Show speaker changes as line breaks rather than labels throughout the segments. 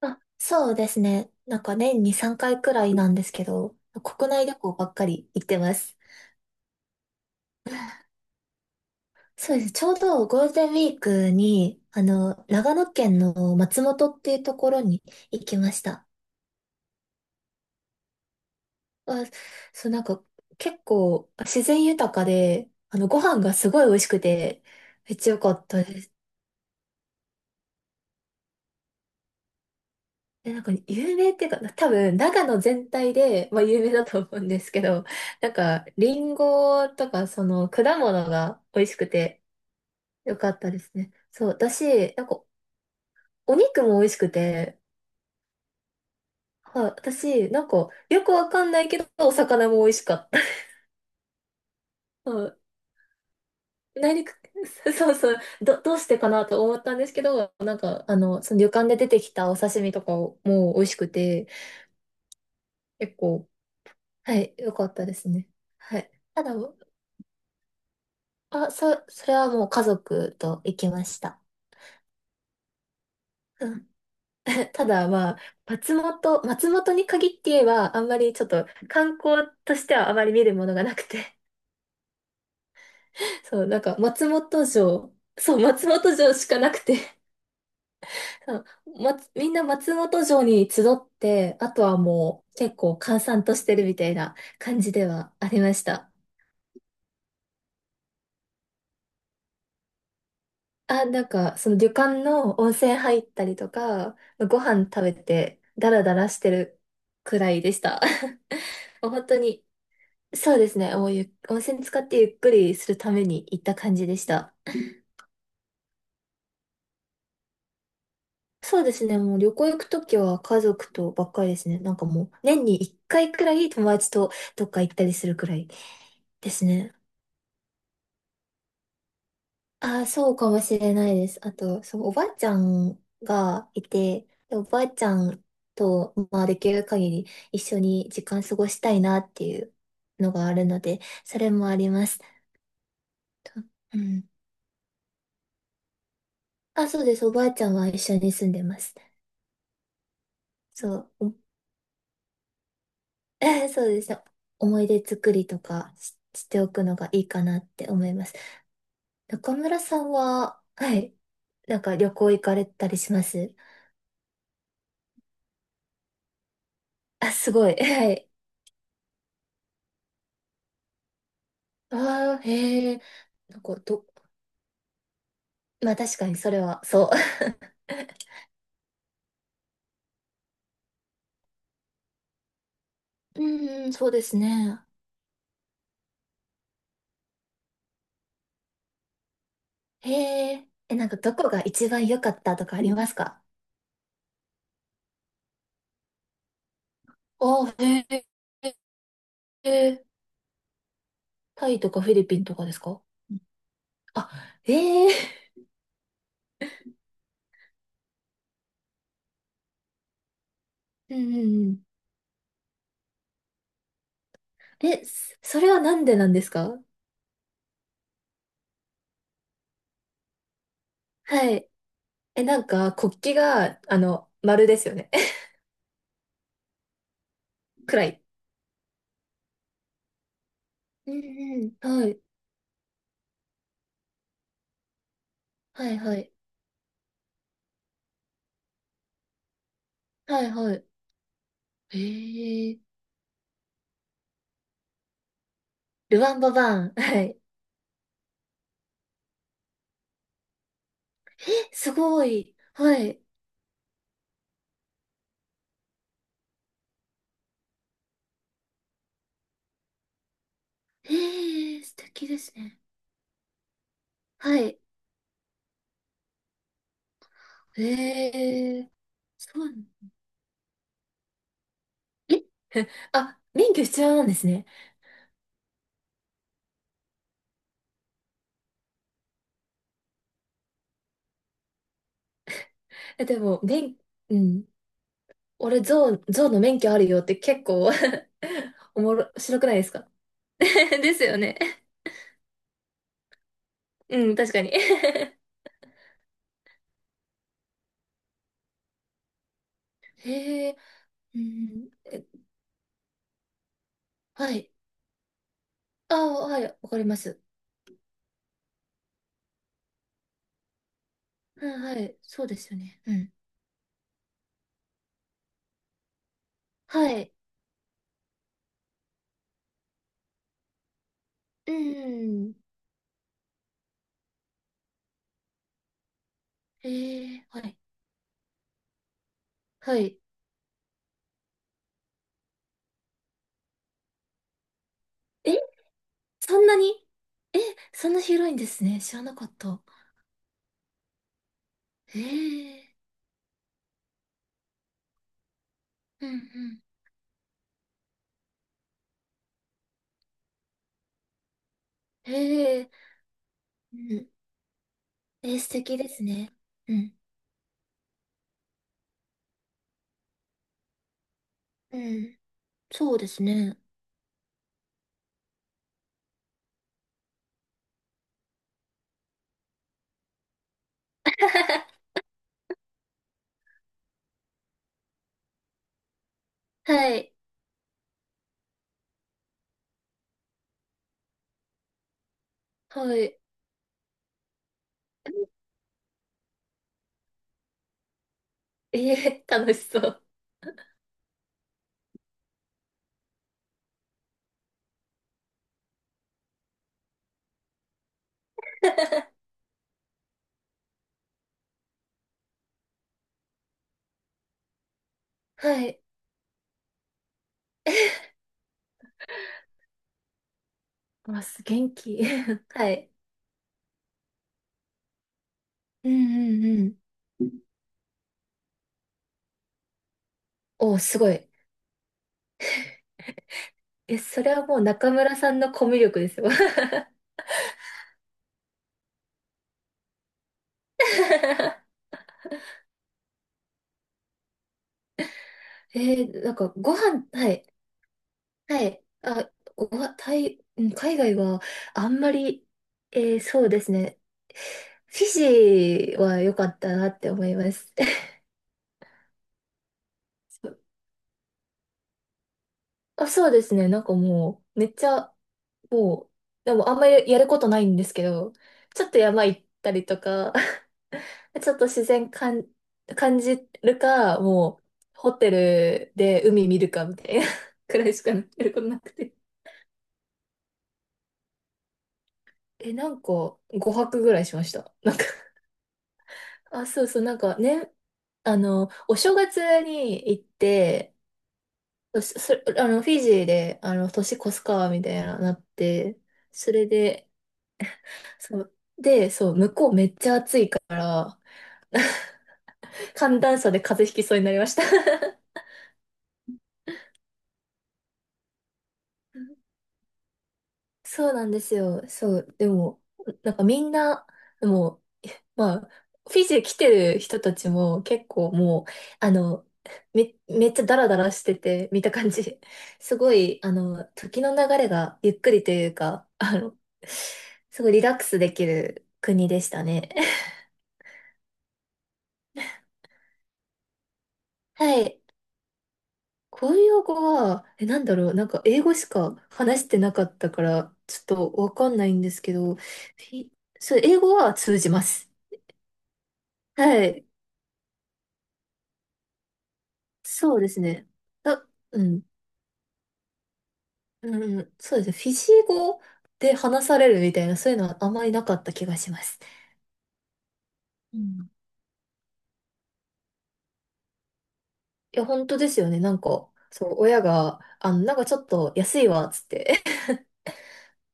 あ、そうですね。なんか年に3回くらいなんですけど、国内旅行ばっかり行ってます。そうです。ちょうどゴールデンウィークに、長野県の松本っていうところに行きました。あ、そう、なんか結構自然豊かで、ご飯がすごい美味しくて、めっちゃ良かったです。で、なんか有名っていうか、多分長野全体で、まあ有名だと思うんですけど、なんか、リンゴとか、果物が美味しくて、よかったですね。そう、私、なんか、お肉も美味しくて、はい、私、なんか、よくわかんないけど、お魚も美味しかった。はい、内陸、そうそう、どうしてかなと思ったんですけど、なんか、その旅館で出てきたお刺身とかも美味しくて、結構、はい、よかったですね。はい。ただ、あ、それはもう家族と行きました。うん。 ただまあ、松本に限って言えば、あんまりちょっと観光としてはあまり見るものがなくて、そう、なんか松本城、そう、松本城しかなくて、そう、みんな松本城に集って、あとはもう結構閑散としてるみたいな感じではありました。あ、なんかその旅館の温泉入ったりとか、ご飯食べてダラダラしてるくらいでした。もう本当にそうですね。もう、温泉使ってゆっくりするために行った感じでした。そうですね。もう旅行行くときは家族とばっかりですね。なんかもう年に1回くらい友達とどっか行ったりするくらいですね。ああ、そうかもしれないです。あと、そのおばあちゃんがいて、でおばあちゃんと、まあ、できる限り一緒に時間過ごしたいなっていうのがあるので、それもあります。とうん。あ、そうです。おばあちゃんは一緒に住んでます。そう。そうですね。思い出作りとか、しておくのがいいかなって思います。中村さんは、はい。なんか旅行行かれたりします？あ、すごい。はい。ああ、へえ。なんか、まあ確かにそれは、そう。うんうん、そうですね。へえ。え、なんかどこが一番良かったとかありますか？ああ、へ。タイとかフィリピンとかですか？あ、ええ。うんうんうん。え、それはなんでなんですか？はい。え、なんか、国旗が、丸ですよね。暗い。うんうん。はい。はいはい。はいはい。へえ。ルワンババーン。はい。え、すごい。はい。へえ、素敵ですね。はい。へえ、そうなの。え、あ、免許必要なんですね。え、でも、うん。俺、ゾウの免許あるよって結構 おもろ、白くないですか？ ですよね。うん、確かに。 へえ、うん、え、はい。ああ、はい、わかります。はい、はい、そうですよね。うん。はい。うん。ええ、はい。はい。え、そんなにえ、そんな広いんですね。知らなかった。ええ、うん、うん。ええ、うん。素敵ですね。うん。うん。そうですね。はい。はい。ええ、楽しそう。はい。元気。はい。うんうんうん。お、すごい。え、それはもう中村さんのコミュ力ですよ。なんかご飯、はい、はい。あ、ご飯、タイ、うん、海外はあんまり、そうですね。フィジーは良かったなって思います。あ、そうですね。なんかもう、めっちゃ、もう、でもあんまりやることないんですけど、ちょっと山行ったりとか、ちょっと自然感じるか、もう、ホテルで海見るかみたいな くらいしかやることなくて。え、なんか、5泊ぐらいしました。なんか、あ、そうそう、なんかね、お正月に行って、そ、そあの、フィジーで、年越すか、みたいな、なって、それで、そう、で、そう、向こうめっちゃ暑い。寒暖差で風邪ひきそうになりました。 そうなんですよ。そう。でも、なんかみんな、でも、まあ、フィジー来てる人たちも結構もう、あの、めっちゃダラダラしてて、見た感じ。すごい、時の流れがゆっくりというか、すごいリラックスできる国でしたね。はい。公用語は、え、なんだろう、なんか英語しか話してなかったから、ちょっとわかんないんですけど、ィそう、英語は通じます。はい。そうですね。あ、うん、うん、そうですね。フィジー語で話されるみたいな、そういうのはあまりなかった気がします。うん。いや、本当ですよね。なんか、そう、親が、なんかちょっと安いわ、つって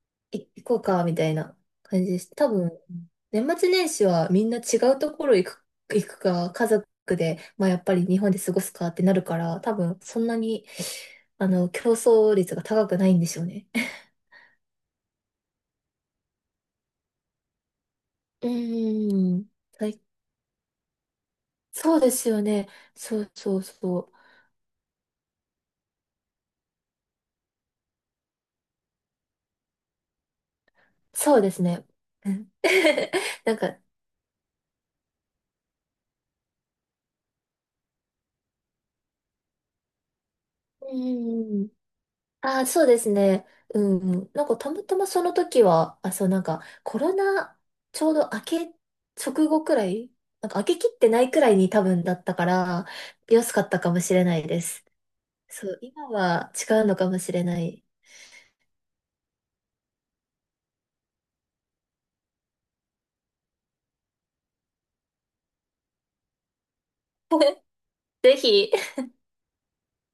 行こうか、みたいな感じです。多分、年末年始はみんな違うところ行くか、家族で、まあやっぱり日本で過ごすかってなるから、多分そんなに、競争率が高くないんでしょうね。うーん。そうですよね。そうそうそう。そうですね。うん。 なんか、うんうんうん。ああ、そうですね。うんうん。なんか、たまたまその時は、あ、そう、なんか、コロナ、ちょうど明け直後くらい、なんか、明けきってないくらいに多分だったから、安かったかもしれないです。そう、今は違うのかもしれない。ぜひ。